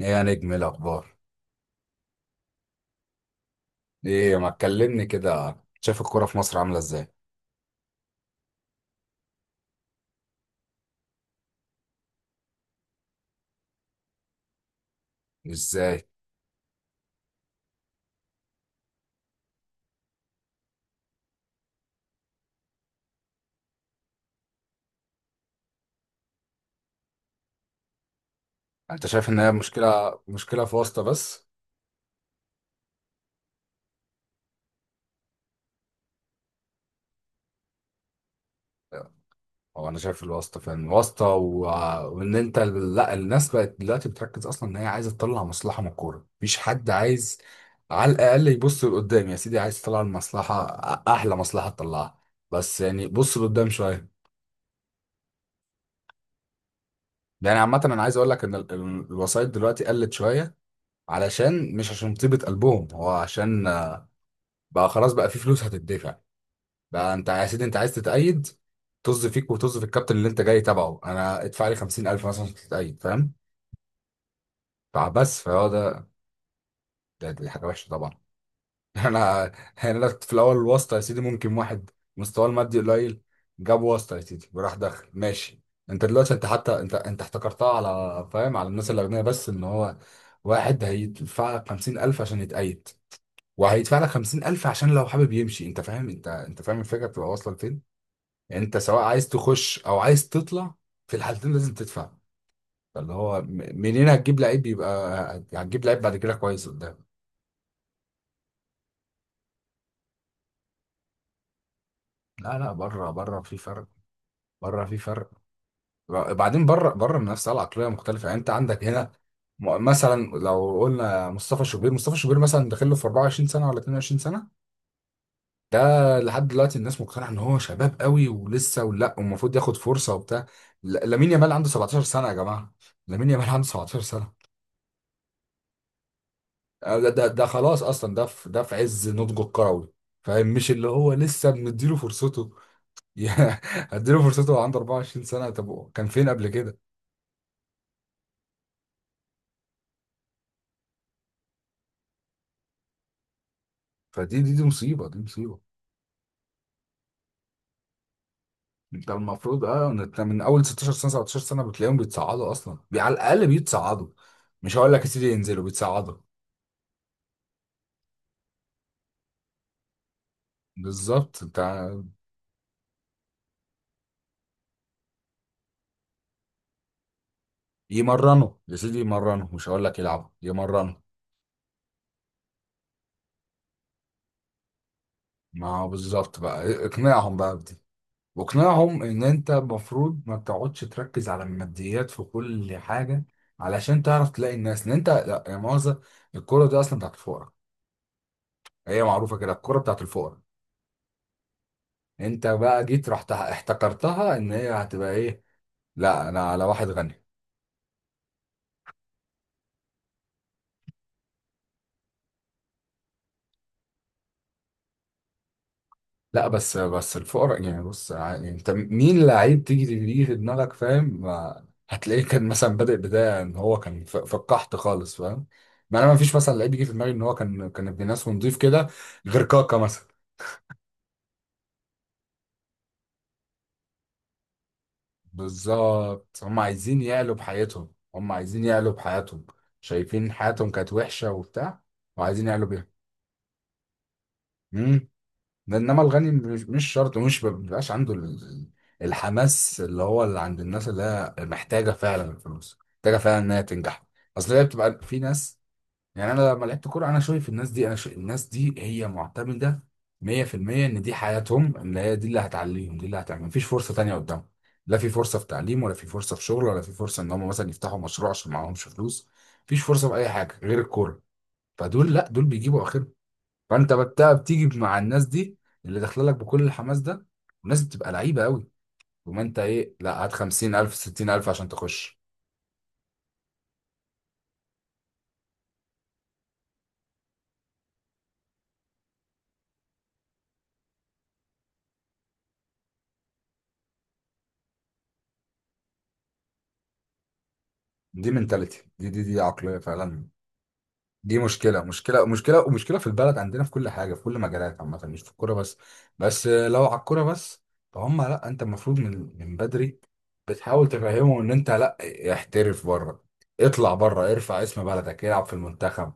ايه يا نجم، إيه الاخبار؟ ايه ما تكلمني كده، شايف الكوره في مصر عامله ازاي؟ ازاي؟ انت شايف ان هي مشكله في واسطه بس؟ هو انا شايف الواسطه فين واسطه و... وان انت، لا الناس بقت دلوقتي بتركز اصلا ان هي عايزه تطلع مصلحه من الكوره، مفيش حد عايز على الاقل يبص لقدام، يا سيدي عايز تطلع المصلحه، احلى مصلحه تطلعها، بس يعني بص لقدام شويه. يعني عامه انا عايز اقول لك ان الوسائط دلوقتي قلت شويه، علشان مش عشان طيبه قلبهم، هو عشان بقى خلاص بقى في فلوس هتدفع، بقى انت يا سيدي انت عايز تتأيد، طز فيك وطز في الكابتن اللي انت جاي تبعه، انا ادفع لي 50,000 مثلا عشان تتأيد، فاهم؟ فهو ده. دي حاجة وحشة طبعا. انا، يعني كنت في الاول الواسطة يا سيدي ممكن واحد مستواه المادي قليل جاب واسطة يا سيدي وراح داخل ماشي. انت دلوقتي، انت حتى، انت احتكرتها على، فاهم، على الناس الأغنياء بس، ان هو واحد هيدفع لك 50,000 عشان يتأيد، وهيدفع لك 50,000 عشان لو حابب يمشي، انت فاهم، انت فاهم الفكرة بتبقى واصلة لفين. يعني انت سواء عايز تخش او عايز تطلع، في الحالتين لازم تدفع. فاللي هو م- منين هتجيب لعيب يبقى؟ هتجيب لعيب بعد كده كويس قدام؟ لا لا، بره، بره في فرق، بره في فرق، بعدين بره، بره المنافسه العقليه مختلفه، يعني انت عندك هنا، مثلا لو قلنا مصطفى شوبير، مصطفى شوبير مثلا داخل له في 24 سنه ولا 22 سنه، ده لحد دلوقتي الناس مقتنعه ان هو شباب قوي ولسه، ولا ومفروض ياخد فرصه وبتاع. لامين يامال عنده 17 سنه يا جماعه، لامين يامال عنده 17 سنه، آه، ده خلاص اصلا، ده في، ده في عز نضجه الكروي، فاهم؟ مش اللي هو لسه مديله فرصته. يا- هديله فرصته وهو عنده 24 سنه، طب هو كان فين قبل كده؟ فدي دي دي مصيبه، دي مصيبه. انت المفروض، اه انت من اول 16 سنه 17 سنه بتلاقيهم بيتصعدوا اصلا، على الاقل بيتصعدوا، مش هقول لك يا سيدي ينزلوا، بيتصعدوا. بالظبط انت، يمرنوا يا سيدي، يمرنوا، مش هقول لك يلعبوا، يمرنوا. ما هو بالظبط، بقى اقنعهم بقى بدي، واقنعهم ان انت المفروض ما بتقعدش تركز على الماديات في كل حاجه، علشان تعرف تلاقي الناس، ان انت لا يا مؤاخذه الكوره دي اصلا بتاعت الفقراء، هي معروفه كده الكوره بتاعت الفقراء. انت بقى جيت رحت احتكرتها ان هي هتبقى ايه؟ لا انا على واحد غني. لا بس الفقراء، يعني بص، يعني انت مين لعيب تيجي في دماغك، فاهم؟ هتلاقيه كان مثلا بادئ بدايه ان هو كان في، في القحط خالص، فاهم؟ ما انا، ما فيش مثلا لعيب يجي في دماغي ان هو كان ابن ناس ونضيف كده، غير كاكا مثلا. بالظبط، هم عايزين يعلوا بحياتهم، هم عايزين يعلوا بحياتهم، شايفين حياتهم كانت وحشة وبتاع، وعايزين يعلوا بيها. امم انما الغني مش شرط، ومش ما بيبقاش عنده الحماس اللي هو اللي عند الناس، اللي هي محتاجة فعلا الفلوس، محتاجة فعلا انها تنجح، اصل هي بتبقى في ناس. يعني انا لما لعبت كوره، انا شايف الناس دي، انا شايف الناس دي هي معتمده 100% ان دي حياتهم، اللي هي دي اللي هتعليهم، دي اللي هتعمل، مفيش فرصه تانية قدامهم، لا في فرصه في تعليم، ولا في فرصه في شغل، ولا في فرصه ان هم مثلا يفتحوا مشروع عشان معاهمش فلوس، مفيش فرصه في اي حاجه غير الكوره. فدول، لا دول بيجيبوا اخرهم، فانت بتيجي مع الناس دي اللي داخله لك بكل الحماس ده، والناس بتبقى لعيبه قوي، وما انت ايه، لا هات 50,000، 60,000 عشان تخش. دي منتاليتي، دي عقليه فعلا، دي مشكلة ومشكلة في البلد عندنا، في كل حاجة، في كل مجالات عامة، مش في الكورة بس، بس لو على الكورة بس، فهم لا انت المفروض من بدري بتحاول تفهمهم ان انت لا، احترف بره، اطلع بره، ارفع اسم بلدك، العب في المنتخب.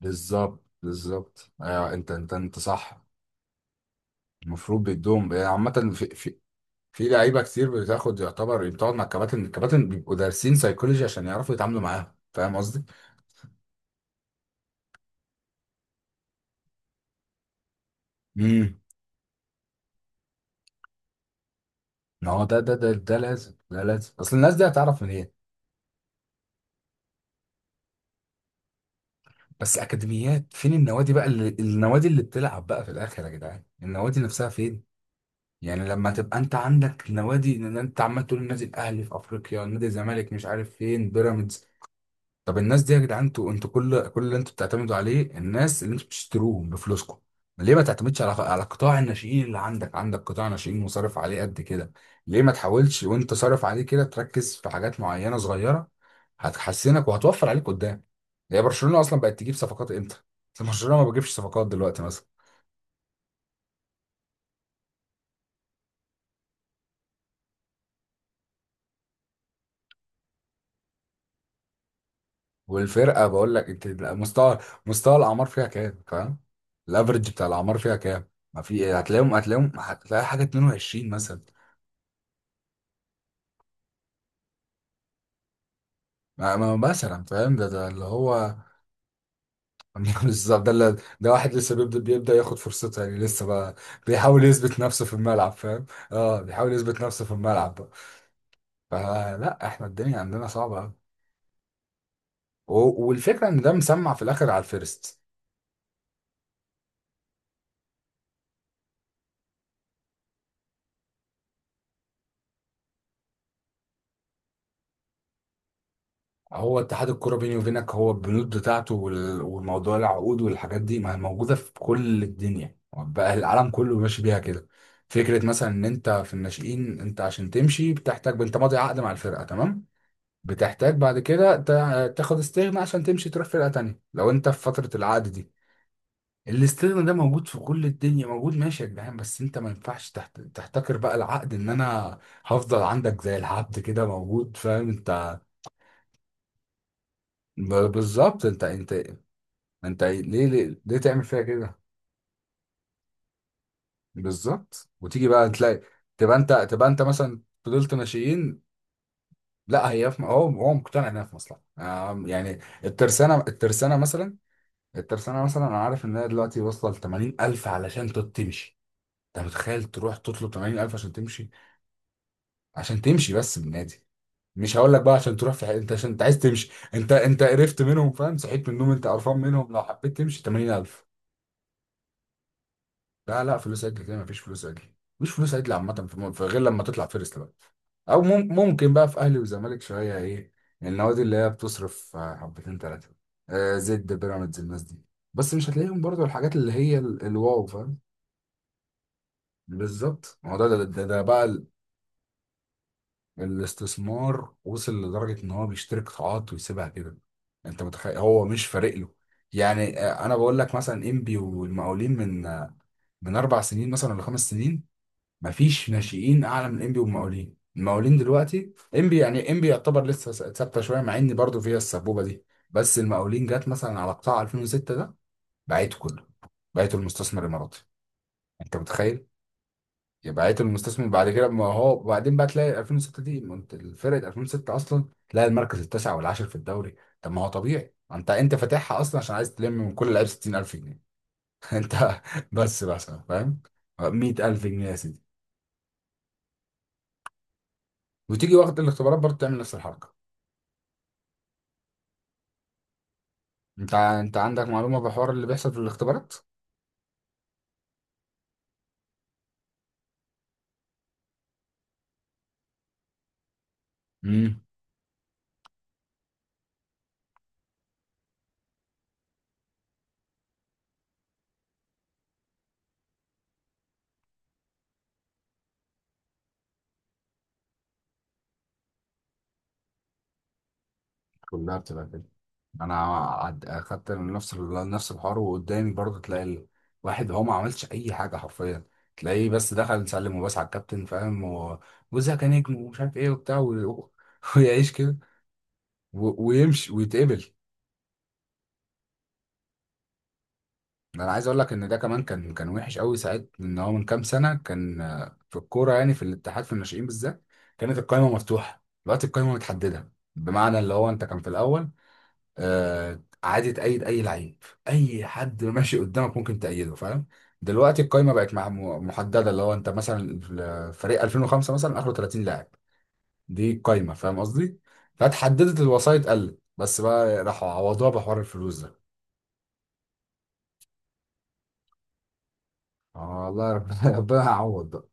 بالظبط بالظبط، ايوه انت، انت صح. المفروض بيدوم، يعني عامة في في لعيبة كتير بتاخد يعتبر، بتقعد مع الكباتن، الكباتن بيبقوا دارسين سيكولوجي عشان يعرفوا يتعاملوا معاها، فاهم قصدي؟ امم ما هو ده، ده لازم، ده لازم، اصل الناس دي هتعرف منين؟ بس اكاديميات، فين النوادي بقى اللي، النوادي اللي بتلعب بقى في الاخر يا جدعان، النوادي نفسها فين؟ يعني لما تبقى انت عندك نوادي، ان انت عمال تقول النادي الاهلي في افريقيا، نادي الزمالك مش عارف فين، بيراميدز، طب الناس دي يا جدعان، انتوا، انتوا كل اللي انتوا بتعتمدوا عليه الناس اللي انتوا بتشتروهم بفلوسكم، ليه ما تعتمدش على قطاع الناشئين اللي عندك؟ عندك قطاع ناشئين وصرف عليه قد كده، ليه ما تحاولش وانت صارف عليه كده تركز في حاجات معينة صغيرة، هتحسنك وهتوفر عليك قدام. هي برشلونة اصلا بقت تجيب صفقات امتى؟ برشلونة ما بتجيبش صفقات دلوقتي مثلا، والفرقة بقول لك، انت مستوى، مستوى الاعمار فيها كام، فاهم؟ الافرج بتاع الاعمار فيها كام؟ ما في هتلاقيهم، هتلاقيهم، هتلاقي حاجة 22 مثلا، ما مثلا، فاهم؟ ده ده اللي هو. بالظبط، ده اللي، ده واحد لسه بيبدأ، بيبدأ ياخد فرصته، يعني لسه بقى بيحاول يثبت نفسه في الملعب، فاهم؟ اه بيحاول يثبت نفسه في الملعب بقى. فلا احنا الدنيا عندنا صعبة أوي، والفكرة ان ده مسمع في الاخر على الفيرست. هو اتحاد الكرة بيني وبينك، هو البنود بتاعته والموضوع، العقود والحاجات دي ما هي موجودة في كل الدنيا بقى، العالم كله ماشي بيها كده. فكرة مثلا ان انت في الناشئين، انت عشان تمشي بتحتاج، انت ماضي عقد مع الفرقة، تمام، بتحتاج بعد كده تاخد استغنى عشان تمشي، تروح فرقة تانية لو انت في فترة العقد دي. الاستغنى ده موجود في كل الدنيا، موجود، ماشي يا جدعان، بس انت ما ينفعش تحتكر بقى العقد، ان انا هفضل عندك زي العبد كده موجود، فاهم انت؟ بالظبط انت، انت ليه، ليه تعمل فيها كده؟ بالظبط، وتيجي بقى تلاقي، تبقى انت، تبقى انت مثلا فضلت ماشيين، لا هي في هو هو مقتنع انها في مصلحة، يعني الترسانة، الترسانة مثلا، الترسانة مثلا أنا عارف إن هي دلوقتي واصلة لتمانين ألف علشان تمشي، أنت متخيل تروح تطلب تمانين ألف عشان تمشي، عشان تمشي بس من النادي؟ مش هقول لك بقى عشان تروح في أنت عشان أنت عايز تمشي، أنت قرفت منهم، فاهم؟ صحيت من النوم أنت قرفان منهم، لو حبيت تمشي تمانين ألف. لا لا، فلوس عدل كده مفيش فلوس عدل، مفيش فلوس عدل عامة، في في غير لما تطلع فيرست بقى، أو ممكن بقى في أهلي وزمالك شوية إيه، النوادي اللي هي بتصرف حبتين تلاتة، آه زد بيراميدز الناس دي، بس مش هتلاقيهم برضو الحاجات اللي هي الواو، فاهم؟ بالظبط، ما هو ده، ده بقى الاستثمار وصل لدرجة ان هو بيشتري قطاعات ويسيبها كده، انت متخيل، هو مش فارق له. يعني انا بقول لك مثلا انبي والمقاولين، من من اربع سنين مثلا ولا خمس سنين، مفيش ناشئين اعلى من انبي والمقاولين، المقاولين دلوقتي، انبي، يعني انبي يعتبر لسه ثابته شويه، مع ان برضه فيها السبوبه دي. بس المقاولين جت مثلا على قطاع 2006 ده، بعته كله، بعته المستثمر الاماراتي، انت متخيل يبعته المستثمر بعد كده؟ ما هو، وبعدين بقى تلاقي 2006 دي، ما انت فرقه 2006 اصلا تلاقي المركز التاسع والعاشر في الدوري، طب ما هو طبيعي، انت فاتحها اصلا عشان عايز تلم من كل لعيب 60,000 جنيه. انت، بس فاهم، 100,000 جنيه يا سيدي، وتيجي وقت الاختبارات برضه تعمل نفس الحركه. انت عندك معلومه بحوار اللي بيحصل في الاختبارات؟ امم، كلها بتبقى كده. انا اخدت نفس نفس الحوار، وقدامي برضه تلاقي الواحد هو ما عملش اي حاجه حرفيا، تلاقيه بس دخل سلم وبس على الكابتن، فاهم؟ وزها كان نجم ومش عارف ايه وبتاع ويعيش كده ويمشي ويتقبل. انا عايز اقول لك ان ده كمان كان وحش قوي ساعات، ان هو من كام سنه كان في الكوره، يعني في الاتحاد في الناشئين بالذات كانت القايمه مفتوحه، دلوقتي القايمه متحدده، بمعنى اللي هو انت كان في الاول عادي تأيد أي لعيب، أي حد ماشي قدامك ممكن تأيده، فاهم؟ دلوقتي القايمة بقت محددة، اللي هو أنت مثلا فريق 2005 مثلا آخره 30 لاعب، دي القايمة، فاهم قصدي؟ فاتحددت الوسائط قلت، بس بقى راحوا عوضوها بحوار الفلوس ده. آه والله، ربنا ربنا هيعوض بقى،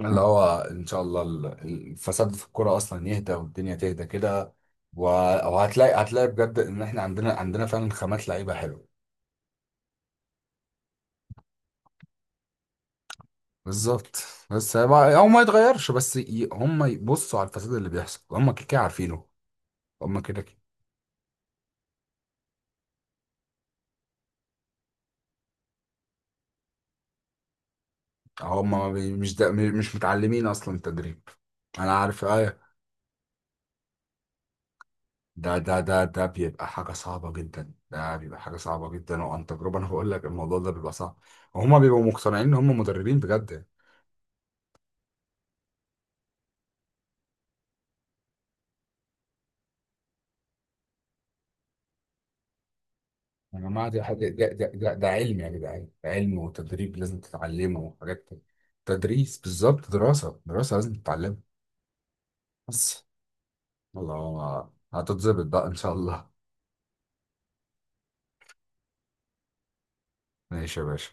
اللي هو إن شاء الله الفساد في الكورة أصلا يهدى والدنيا تهدى كده. و- وهتلاقي، هتلاقي بجد إن إحنا عندنا، عندنا فعلا خامات لعيبة حلوة، بالظبط. هو ما يتغيرش، بس هم يبصوا على الفساد اللي بيحصل، هم كده كده عارفينه، هم كده كده. هم ما بي- مش ده، مش متعلمين اصلا التدريب، انا عارف ايه، ده ده بيبقى حاجه صعبه جدا، ده بيبقى حاجه صعبه جدا، وعن تجربه انا بقول لك الموضوع ده بيبقى صعب، وهم بيبقوا مقتنعين ان هم مدربين بجد. يا جماعه دي حاجه، ده ده علم يا جدعان، ده علم وتدريب لازم تتعلمه وحاجات كده. تدريس، بالظبط، دراسه، دراسه لازم تتعلمها، بس الله هتتظبط بقى ان شاء الله. ماشي يا باشا.